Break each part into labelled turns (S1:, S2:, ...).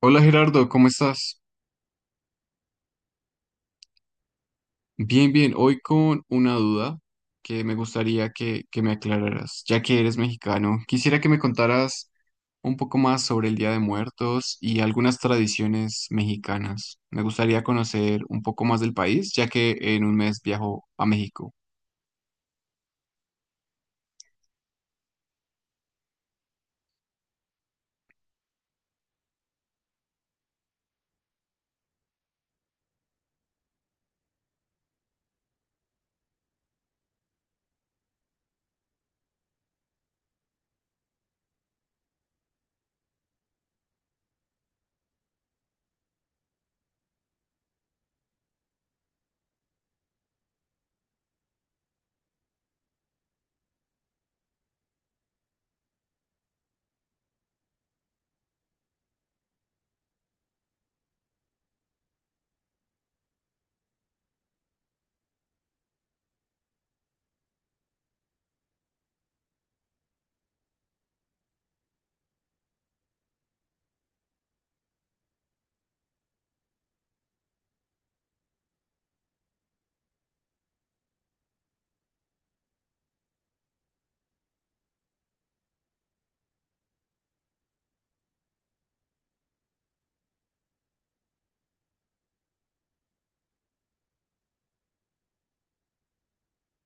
S1: Hola Gerardo, ¿cómo estás? Bien, bien. Hoy con una duda que, me gustaría que me aclararas, ya que eres mexicano. Quisiera que me contaras un poco más sobre el Día de Muertos y algunas tradiciones mexicanas. Me gustaría conocer un poco más del país, ya que en un mes viajo a México.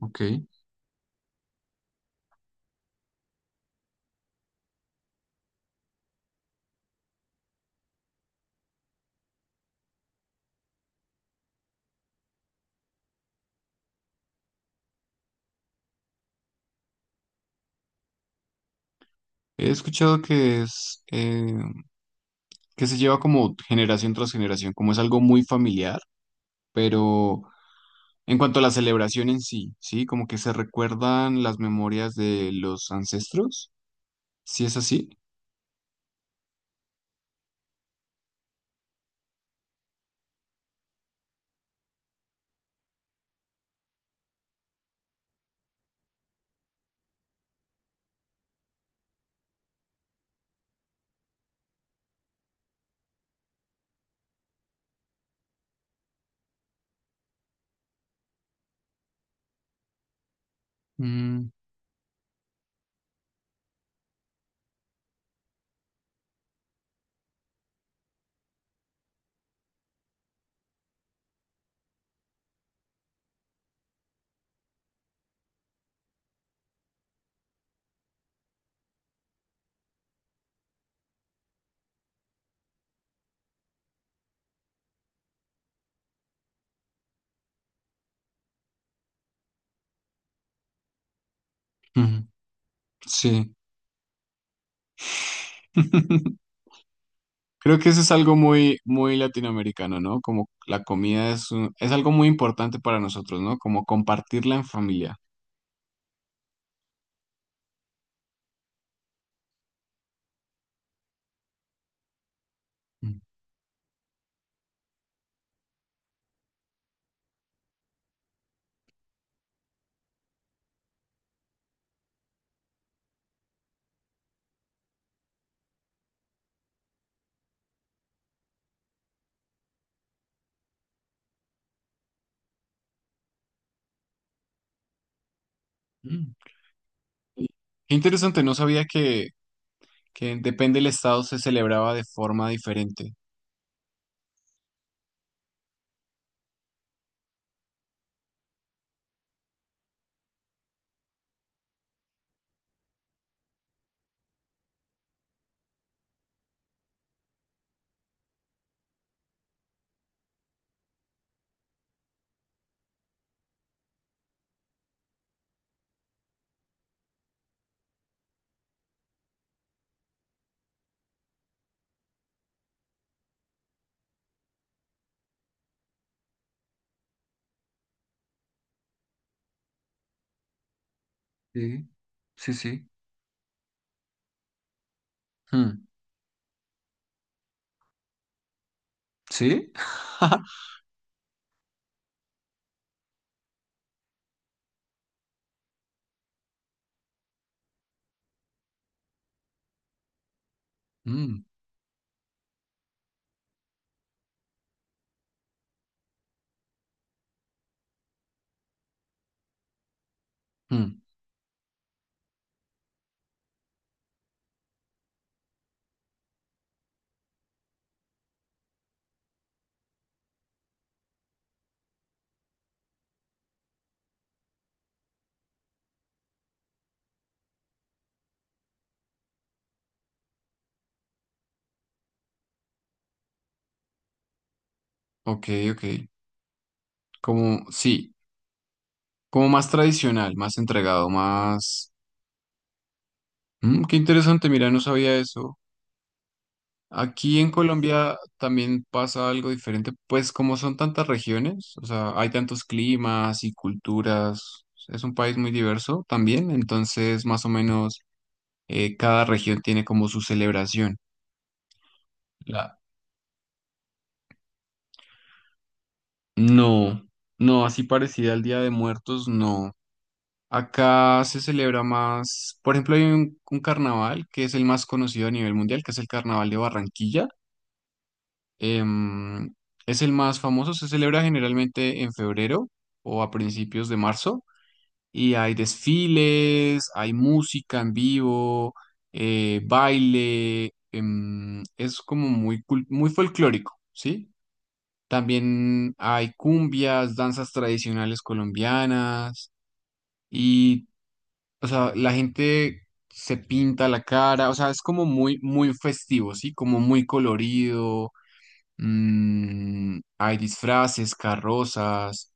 S1: Ok. He escuchado que es que se lleva como generación tras generación, como es algo muy familiar, pero en cuanto a la celebración en sí, ¿sí? Como que se recuerdan las memorias de los ancestros, ¿sí es así? Mm, ujú, sí. Creo que eso es algo muy, muy latinoamericano, ¿no? Como la comida es, es algo muy importante para nosotros, ¿no? Como compartirla en familia. Mm. Mm. Y- Qué interesante, no sabía que depende del estado se celebraba de forma diferente. Sí, sí, sí. Mm. ¿Sí? Mm, mm. Ok, ok. Como, sí, como más tradicional, más entregado, más... Mm, qué interesante, mira, no sabía eso. Aquí en Colombia también pasa algo diferente, pues como son tantas regiones, o sea, hay tantos climas y culturas, es un país muy diverso también, entonces más o menos cada región tiene como su celebración. La... No, no, así parecida al Día de Muertos, no. Acá se celebra más, por ejemplo, hay un carnaval que es el más conocido a nivel mundial, que es el Carnaval de Barranquilla. Em, es el más famoso, se celebra generalmente en febrero o a principios de marzo y hay desfiles, hay música en vivo, baile, es como muy, muy folclórico, ¿sí? También hay cumbias, danzas tradicionales colombianas. Y o sea, la gente se pinta la cara, o sea, es como muy, muy festivo, ¿sí? Como muy colorido, mm, hay disfraces, carrozas,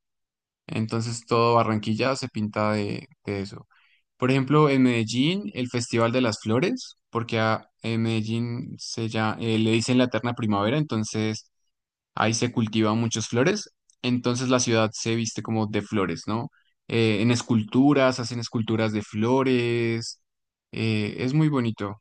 S1: entonces todo Barranquilla se pinta de eso. Por ejemplo, en Medellín, el Festival de las Flores, porque a, en Medellín se ya, le dicen la eterna primavera, entonces ahí se cultivan muchas flores, entonces la ciudad se viste como de flores, ¿no? En esculturas, hacen esculturas de flores, es muy bonito,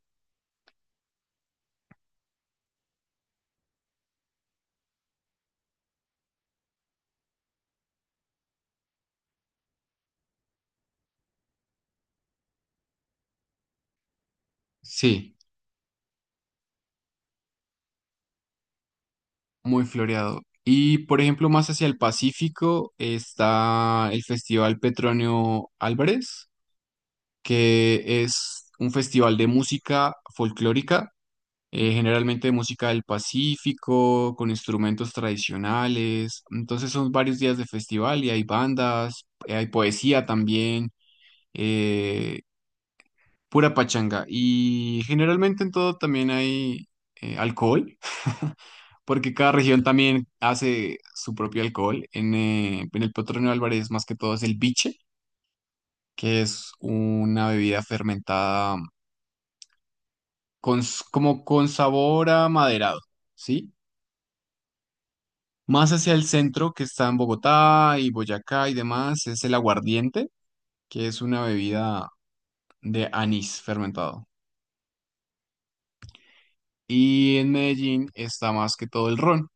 S1: sí, muy floreado. Y por ejemplo, más hacia el Pacífico está el Festival Petronio Álvarez, que es un festival de música folclórica, generalmente música del Pacífico, con instrumentos tradicionales. Entonces son varios días de festival y hay bandas, hay poesía también, eh, pura pachanga. Y generalmente en todo también hay alcohol, porque cada región también hace su propio alcohol. En el Petronio Álvarez más que todo es el biche, que es una bebida fermentada con, como con sabor a maderado. ¿Sí? Más hacia el centro, que está en Bogotá y Boyacá y demás, es el aguardiente, que es una bebida de anís fermentado. Y en Medellín está más que todo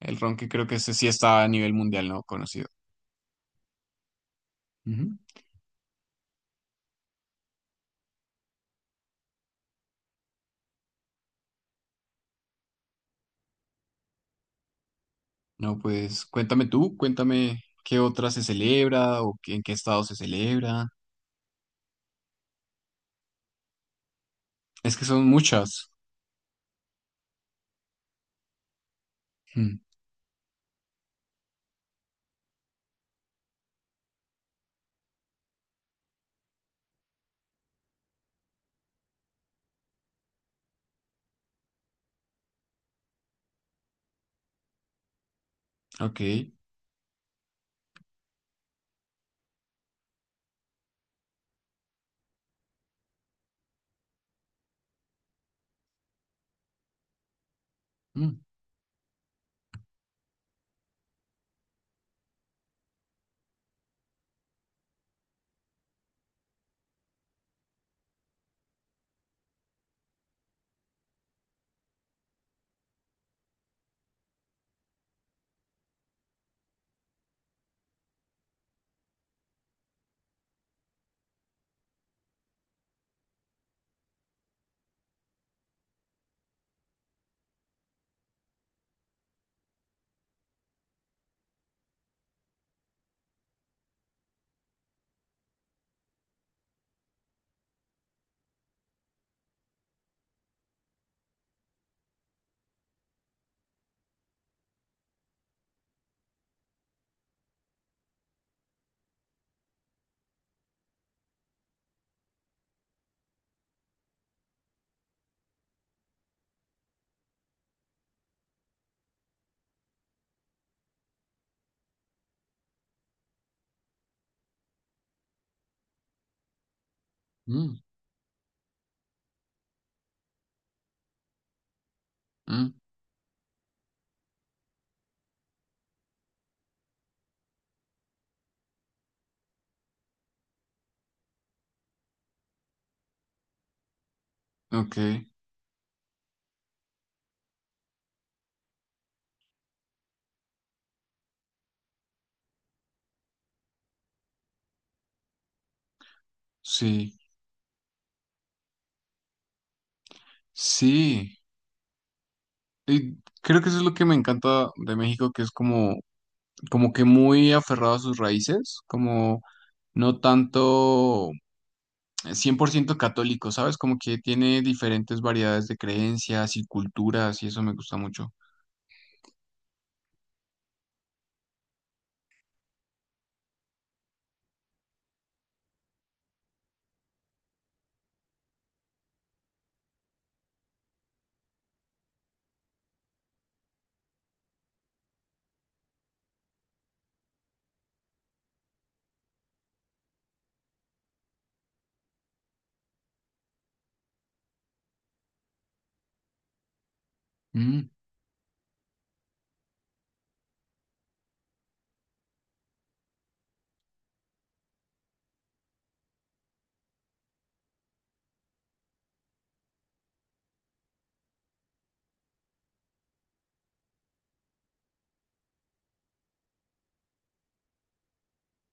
S1: el ron que creo que ese sí está a nivel mundial, ¿no? Conocido. Ujú. No, pues cuéntame tú, cuéntame qué otra se celebra en qué estado se celebra. Es que son muchas. Mm, ok. Mm, mm, mm, ok. Sí. Sí. Y creo que eso es lo que me encanta de México, que es como como que muy aferrado a sus raíces, como no tanto 100% católico, ¿sabes? Como que tiene diferentes variedades de creencias y culturas y eso me gusta mucho. Mm,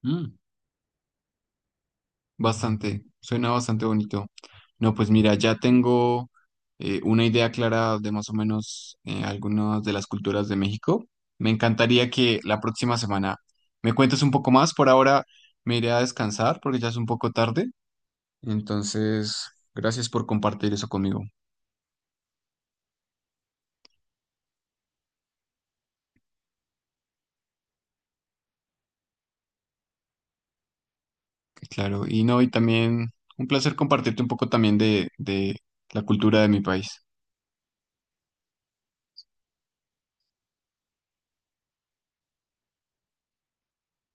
S1: mm, bastante, suena bastante bonito. No, pues mira, ya tengo una idea clara de más o menos algunas de las culturas de México. Me encantaría que la próxima semana me cuentes un poco más. Por ahora me iré a descansar porque ya es un poco tarde. Entonces, gracias por compartir eso conmigo. Claro, y no, y también un placer compartirte un poco también de la cultura de mi país.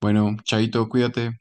S1: Bueno, Chaito, cuídate.